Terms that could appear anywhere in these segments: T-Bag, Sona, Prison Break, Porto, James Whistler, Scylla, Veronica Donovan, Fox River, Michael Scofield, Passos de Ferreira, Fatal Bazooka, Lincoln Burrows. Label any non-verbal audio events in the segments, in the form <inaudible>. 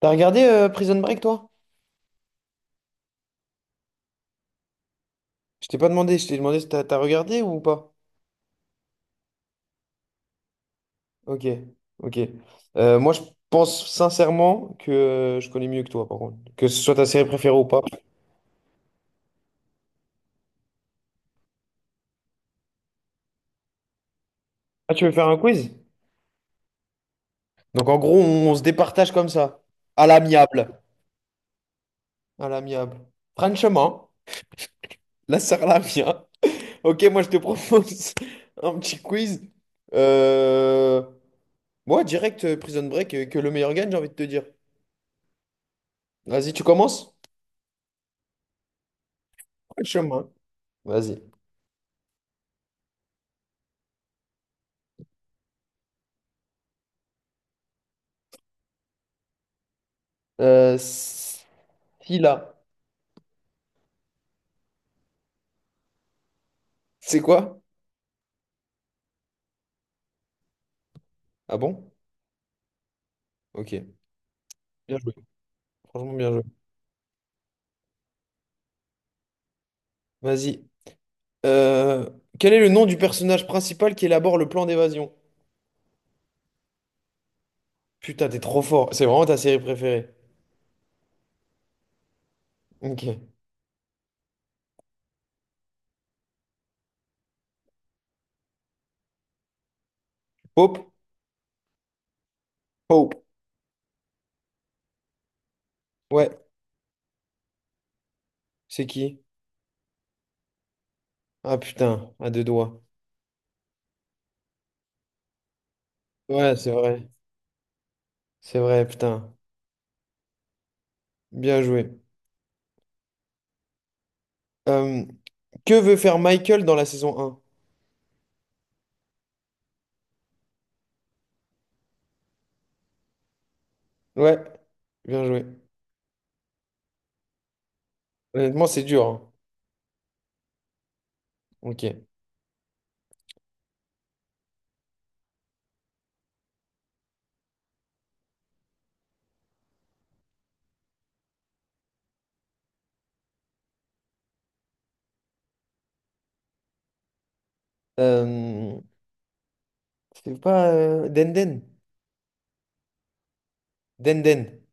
T'as regardé Prison Break, toi? Je t'ai pas demandé, je t'ai demandé si t'as regardé ou pas. Ok, ok. Moi, je pense sincèrement que je connais mieux que toi, par contre. Que ce soit ta série préférée ou pas. Ah, tu veux faire un quiz? Donc, en gros, on se départage comme ça. À l'amiable. À l'amiable. Franchement, la sœur la mienne. Ok, moi, je te propose <laughs> un petit quiz. Euh... Moi, direct Prison Break, que le meilleur gagne, j'ai envie de te dire. Vas-y, tu commences? Franchement. Vas-y. Euh, Scylla. C'est quoi? Ah bon? Ok. Bien joué. Franchement, bien joué. Vas-y. Euh, quel est le nom du personnage principal qui élabore le plan d'évasion? Putain, t'es trop fort. C'est vraiment ta série préférée. Ok. Hope? Hope. Ouais. C'est qui? Ah putain, à deux doigts. Ouais, c'est vrai. C'est vrai, putain. Bien joué. Euh, que veut faire Michael dans la saison un. Ouais. Bien joué. Honnêtement, c'est dur, hein. Ok. Euh, c'est pas Denden? Denden.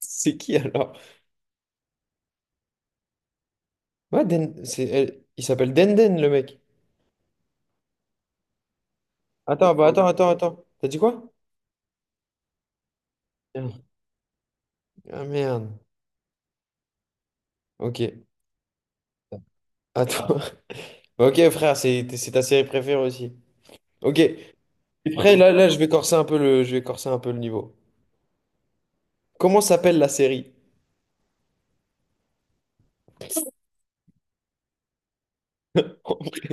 C'est qui alors? Ouais, Den... c'est... elle- Il s'appelle Denden, le mec. Attends, bah attends, attends, attends. T'as dit quoi? Merde. Ah merde. Ok. Attends. <laughs> Ok, frère, c'est ta série préférée aussi. Ok. Après, là, là, je vais corser un peu le, je vais corser un peu le niveau. Comment s'appelle la série? <laughs>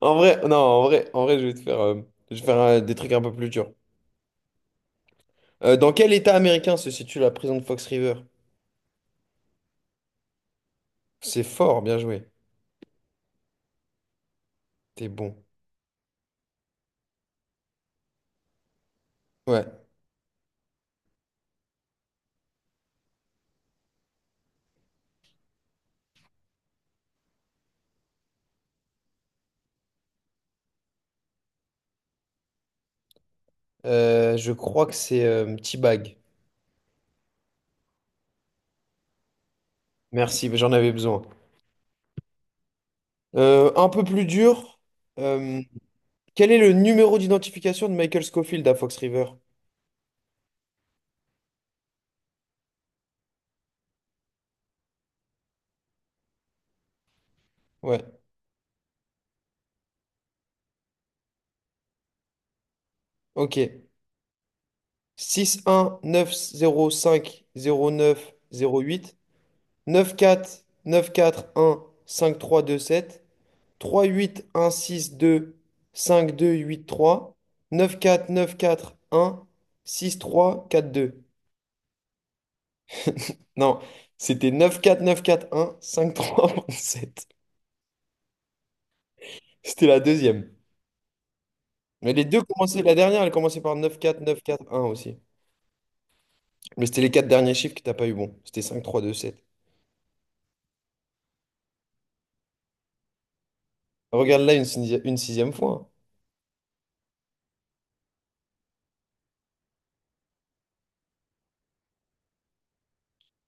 En vrai, non, en vrai, je vais te faire, je vais faire des trucs un peu plus durs. Dans quel état américain se situe la prison de Fox River? C'est fort, bien joué. T'es bon. Ouais. Je crois que c'est T-Bag. Merci, j'en avais besoin. Un peu plus dur, euh, quel est le numéro d'identification de Michael Scofield à Fox River? Ouais, ok. Six un neuf neuf neuf neuf zéro cinq zéro neuf zéro cinq cinq huit huit quatre neuf quatre trois trois deux sept trois huit un six deux cinq deux huit trois neuf quatre neuf quatre un six trois quatre deux. Non, c'était 94 941 <laughs> sept. C'était la deuxième. Mais les deux commençaient, la dernière, elle commençait par neuf quatre neuf quatre un aussi. Mais c'était les quatre derniers chiffres que t'as pas eu bon. C'était cinq trois deux sept. Regarde là une, sixi- une sixième fois, hein.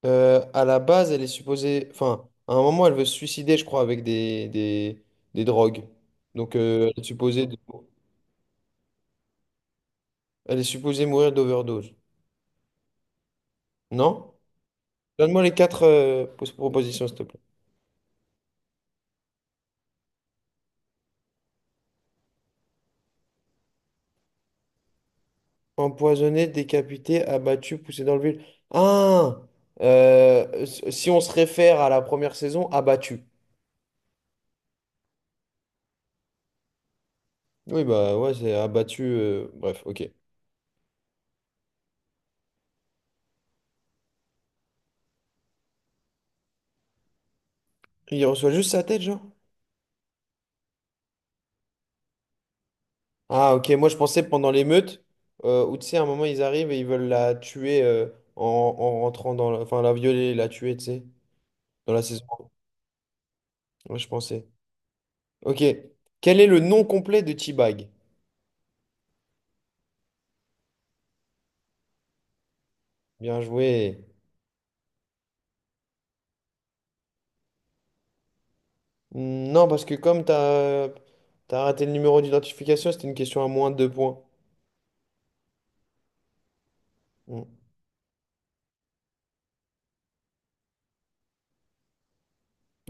À la base, elle est supposée. Enfin, à un moment, elle veut se suicider, je crois, avec des drogues. Donc, elle est supposée, de- elle est supposée mourir d'overdose. Non? Donne-moi les quatre pos- propositions, s'il te plaît. Empoisonné, décapité, abattu, poussé dans le vide. Ah! Euh, si on se réfère à la première saison, abattu. Oui, bah ouais, c'est abattu. Bref, ok. Il reçoit juste sa tête, genre? Ah, ok, moi je pensais pendant l'émeute, où tu sais, à un moment ils arrivent et ils veulent la tuer en, en rentrant dans la. Enfin, la violer, la tuer, tu sais, dans la saison. Moi je pensais. Ok. Quel est le nom complet de T-Bag? Bien joué. Hmm, non, parce que comme t'as raté le numéro d'identification, c'était une question à moins de deux points. Hmm.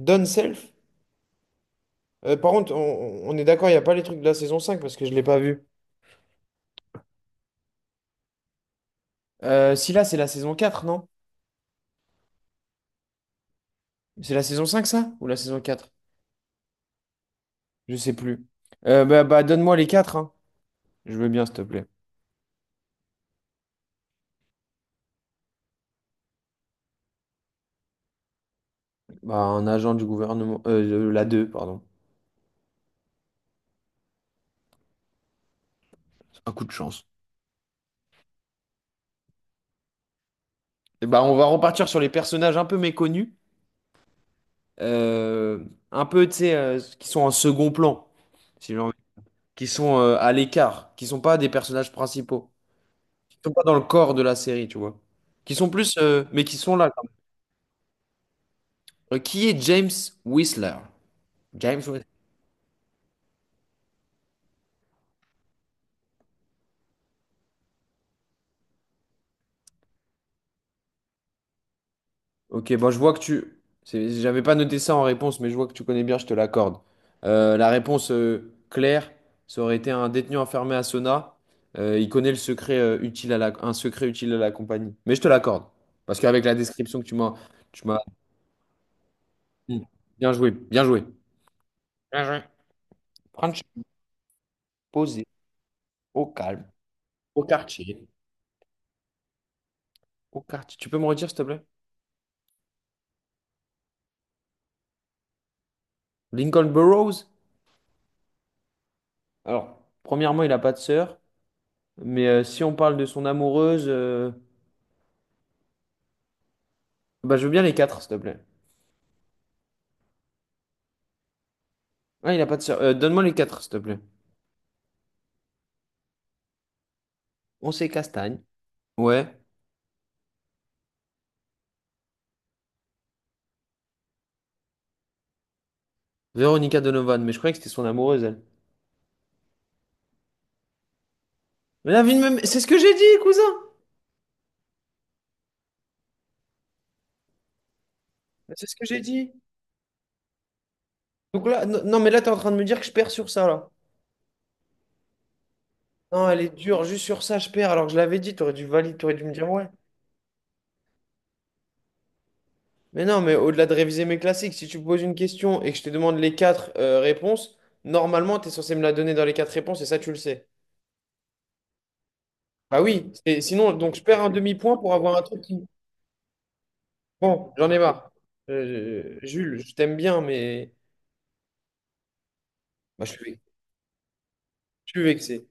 Done self? Par contre, on est d'accord, il n'y a pas les trucs de la saison 5 parce que je ne l'ai pas vu. Si là, c'est la saison 4, non? C'est la saison 5 ça? Ou la saison quatre. Je sais plus. Bah, bah, donne-moi les quatre, hein. Je veux bien, s'il te plaît. Bah, un agent du gouvernement. La 2, pardon. C'est un coup de chance. Et bah, on va repartir sur les personnages un peu méconnus. euh, un peu, tu sais, qui sont en second plan. Si j'ai envie. Qui sont à l'écart. Qui sont pas des personnages principaux. Qui sont pas dans le corps de la série, tu vois. Qui sont plus, mais qui sont là, quand même. Qui est James Whistler? James Whistler. Ok, bon, je vois que tu. C'est- J'avais pas noté ça en réponse, mais je vois que tu connais bien, je te l'accorde. La réponse claire, ça aurait été un détenu enfermé à Sona. Il connaît le secret, utile à la... un secret utile à la compagnie. Mais je te l'accorde. Parce qu'avec la description que tu m'as. Tu m'as... dit, bien joué, bien joué. Bien joué. Franchi- posé, au calme, au quartier. Au quartier. Tu peux me redire, s'il te plaît? Lincoln Burrows? Alors, premièrement, il n'a pas de sœur. Mais si on parle de son amoureuse, bah, je veux bien les quatre, s'il te plaît. Ah, il a pas de sœur. Donne-moi les quatre, s'il te plaît. On sait Castagne. Ouais. Véronica Donovan, mais je croyais que c'était son amoureuse, elle. Mais la vie de même... C'est ce que j'ai dit, cousin! C'est ce que j'ai dit. Donc là, non, non, mais là, t'es en train de me dire que je perds sur ça, là. Non, elle est dure, juste sur ça, je perds, alors que je l'avais dit, t'aurais dû valider, t'aurais dû me dire ouais. Mais non, mais au-delà de réviser mes classiques, si tu me poses une question et que je te demande les quatre réponses, normalement, t'es censé me la donner dans les quatre réponses, et ça, tu le sais. Bah oui, c'est- sinon, donc je perds un demi-point pour avoir un truc qui... Bon, j'en ai marre. Jules, je t'aime bien, mais bah, je suis vexé.